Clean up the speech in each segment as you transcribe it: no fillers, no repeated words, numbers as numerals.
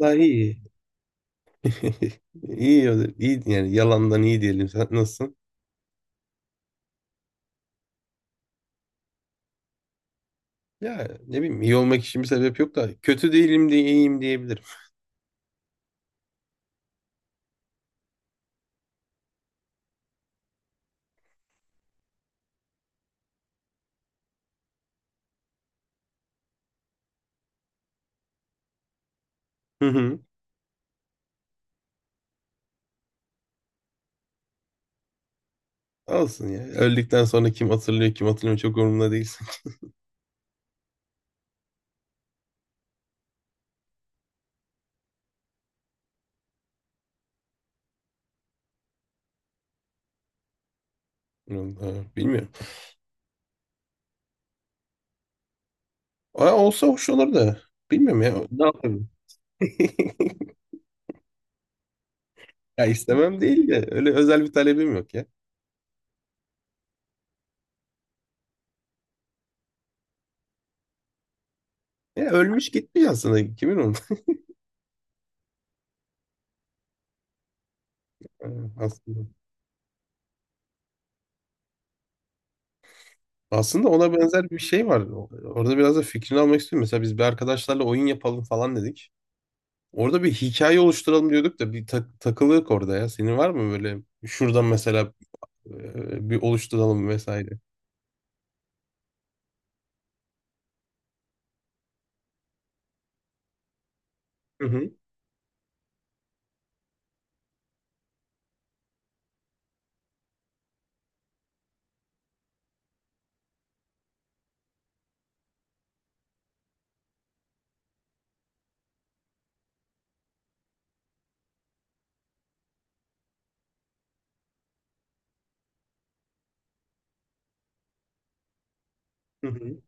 Vallahi iyi. İyi, ya iyi yani yalandan iyi diyelim. Sen nasılsın? Ya ne bileyim, iyi olmak için bir sebep yok da kötü değilim diye iyiyim diyebilirim. Hı hı. Olsun ya. Öldükten sonra kim hatırlıyor kim hatırlamıyor çok umurumda değil. Bilmiyorum. Bilmiyorum. Aa, olsa hoş olur da. Bilmiyorum ya. Ne yapayım? Ya istemem değil de öyle özel bir talebim yok ya. Ya ölmüş gitmiş aslında. Kimin onu? Ha, aslında. Aslında ona benzer bir şey var. Orada biraz da fikrini almak istiyorum. Mesela biz bir arkadaşlarla oyun yapalım falan dedik. Orada bir hikaye oluşturalım diyorduk da bir takılıyorduk orada ya. Senin var mı böyle şuradan mesela bir oluşturalım vesaire? Hı hı, hı hı.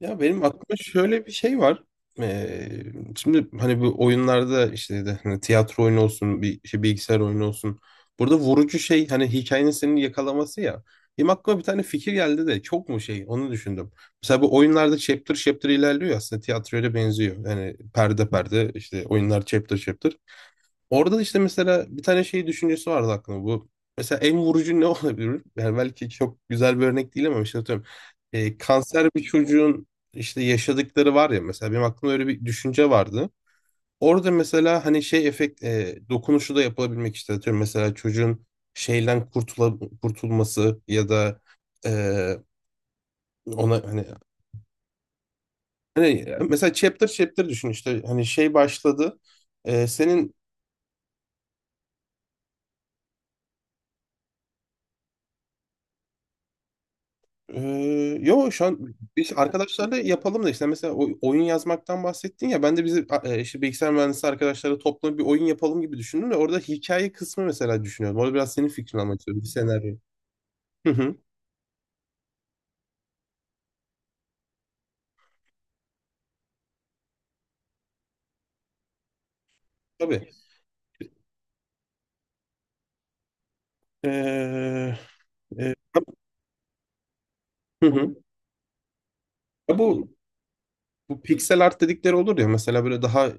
Ya benim aklımda şöyle bir şey var. Ee, Şimdi hani bu oyunlarda işte de hani tiyatro oyunu olsun, bir şey bilgisayar oyunu olsun. Burada vurucu şey, hani hikayenin seni yakalaması ya. Benim aklıma bir tane fikir geldi de çok mu şey onu düşündüm. Mesela bu oyunlarda chapter chapter ilerliyor ya, aslında tiyatroya da benziyor. Yani perde perde işte oyunlar chapter chapter. Orada da işte mesela bir tane şey düşüncesi vardı aklımda bu. Mesela en vurucu ne olabilir? Yani belki çok güzel bir örnek değil ama işte atıyorum. Kanser bir çocuğun işte yaşadıkları var ya, mesela benim aklımda öyle bir düşünce vardı. Orada mesela hani şey efekt, dokunuşu da yapılabilmek, işte atıyorum mesela çocuğun şeyden kurtulması ya da e, ona hani, hani mesela chapter chapter düşün işte hani şey başladı. E, senin yo, şu an biz arkadaşlarla yapalım da işte mesela oyun yazmaktan bahsettin ya, ben de bizi işte bilgisayar mühendisi arkadaşlarla toplanıp bir oyun yapalım gibi düşündüm de orada hikaye kısmı mesela düşünüyordum. Orada biraz senin fikrini almak istiyorum. Bir senaryo. Hı hı. Tabii. Ee, e, hı hı. Ya bu pixel art dedikleri olur ya mesela, böyle daha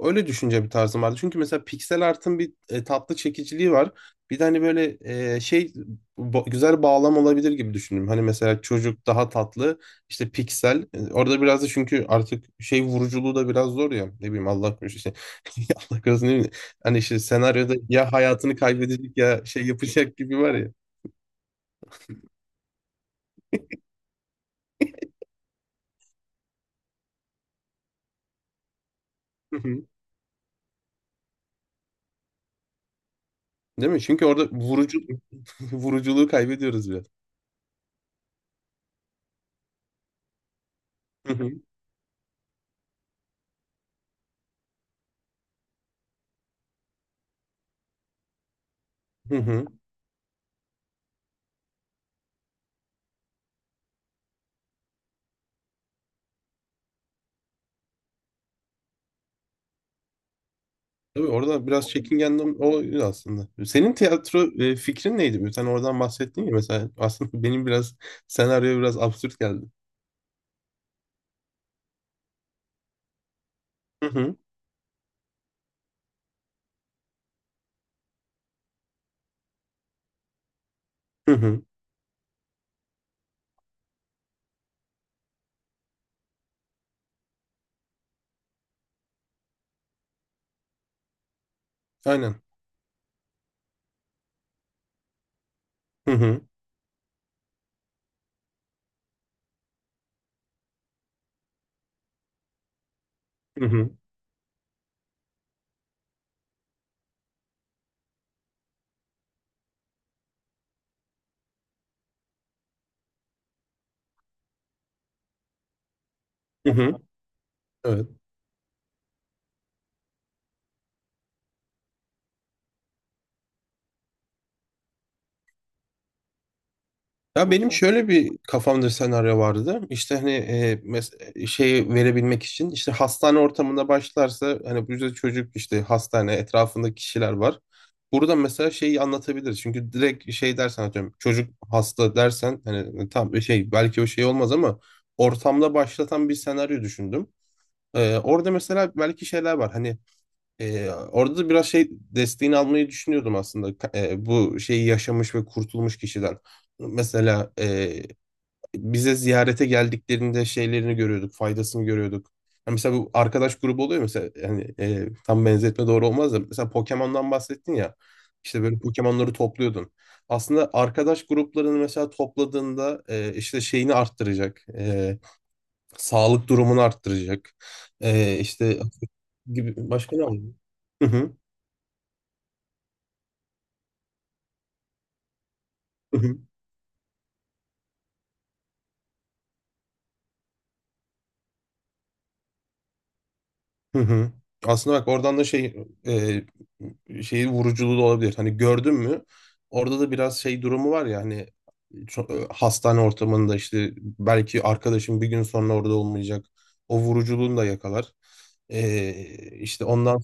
öyle düşünce bir tarzım vardı. Çünkü mesela piksel artın bir tatlı çekiciliği var. Bir de hani böyle e, şey güzel bağlam olabilir gibi düşündüm. Hani mesela çocuk daha tatlı işte piksel. E, orada biraz da çünkü artık şey vuruculuğu da biraz zor ya. Ne bileyim, Allah korusun işte. Allah korusun, ne bileyim. Hani işte senaryoda ya hayatını kaybedecek ya şey yapacak gibi var ya. Hı hı. Değil mi? Çünkü orada vurucu vuruculuğu kaybediyoruz biraz. Hı hı. Hı hı. Tabii orada biraz çekingen o aslında. Senin tiyatro fikrin neydi? Sen oradan bahsettin ya, mesela aslında benim biraz senaryo biraz absürt geldi. Hı hı. Hı hı. Aynen. Hı hı. Hı hı. Hı hı. Evet. Ya benim şöyle bir kafamda senaryo vardı. İşte hani şey verebilmek için işte hastane ortamında başlarsa, hani bu yüzden çocuk işte hastane etrafında kişiler var. Burada mesela şeyi anlatabiliriz. Çünkü direkt şey dersen, atıyorum çocuk hasta dersen, hani şey belki o şey olmaz ama ortamda başlatan bir senaryo düşündüm. Orada mesela belki şeyler var. Hani orada da biraz şey desteğini almayı düşünüyordum aslında bu şeyi yaşamış ve kurtulmuş kişiden. Mesela bize ziyarete geldiklerinde şeylerini görüyorduk, faydasını görüyorduk. Yani mesela bu arkadaş grubu oluyor mesela, yani tam benzetme doğru olmaz da mesela Pokemon'dan bahsettin ya. İşte böyle Pokemon'ları topluyordun. Aslında arkadaş gruplarını mesela topladığında işte şeyini arttıracak. Sağlık durumunu arttıracak. E, işte gibi başka ne var? Hı hı. Hı hı. Aslında bak oradan da şey, şeyi vuruculuğu da olabilir. Hani gördün mü? Orada da biraz şey durumu var ya, hani hastane ortamında işte belki arkadaşım bir gün sonra orada olmayacak. O vuruculuğunu da yakalar. E, işte ondan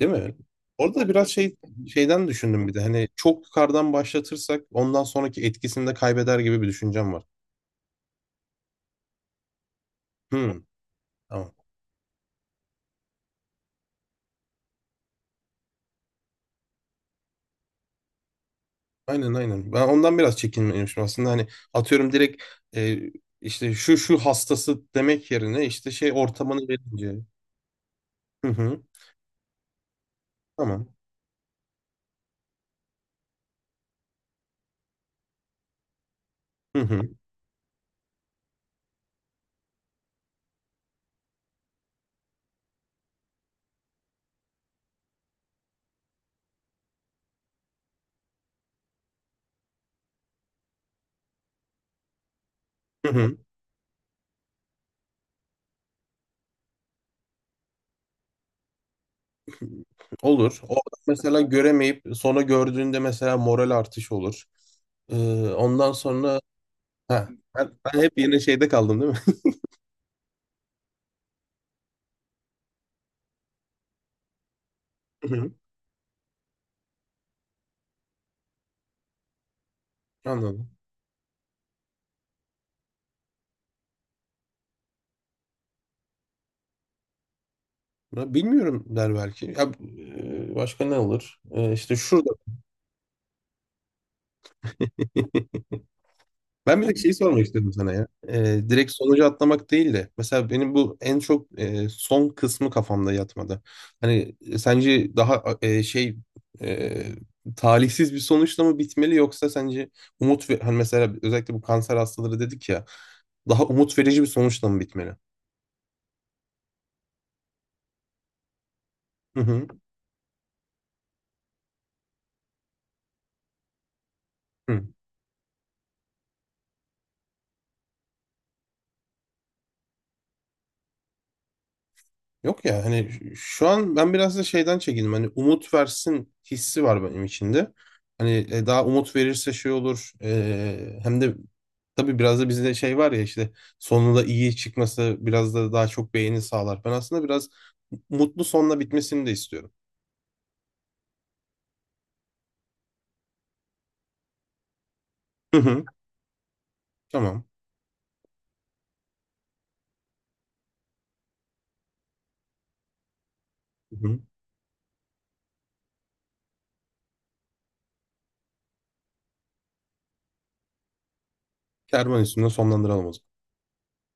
değil mi? Orada da biraz şey şeyden düşündüm, bir de hani çok yukarıdan başlatırsak ondan sonraki etkisini de kaybeder gibi bir düşüncem var. Hı, tamam. Aynen aynen. Ben ondan biraz çekinmemişim aslında. Hani atıyorum direkt e, işte şu şu hastası demek yerine işte şey ortamını verince. Hı hı. Tamam. Hı hı. Hı hı. Olur. Orada mesela göremeyip sonra gördüğünde mesela moral artışı olur. Ee, ondan sonra ha, ben hep yine şeyde kaldım değil mi? Hı hı. Anladım. Ya bilmiyorum der belki. Ya, başka ne olur? E, işte şurada. Ben bir de şey sormak istedim sana ya. Direkt sonucu atlamak değil de. Mesela benim bu en çok son kısmı kafamda yatmadı. Hani sence daha e, talihsiz bir sonuçla mı bitmeli, yoksa sence umut ve hani mesela özellikle bu kanser hastaları dedik ya, daha umut verici bir sonuçla mı bitmeli? Hı hı. Hı. Yok ya, hani şu an ben biraz da şeyden çekindim. Hani umut versin hissi var benim içinde. Hani daha umut verirse şey olur. E, hem de tabii biraz da bizde şey var ya, işte sonunda iyi çıkması biraz da daha çok beğeni sağlar. Ben aslında biraz mutlu sonla bitmesini de istiyorum. Hı hı. Tamam. Hı hı. Kervan üstünde sonlandıralım o zaman.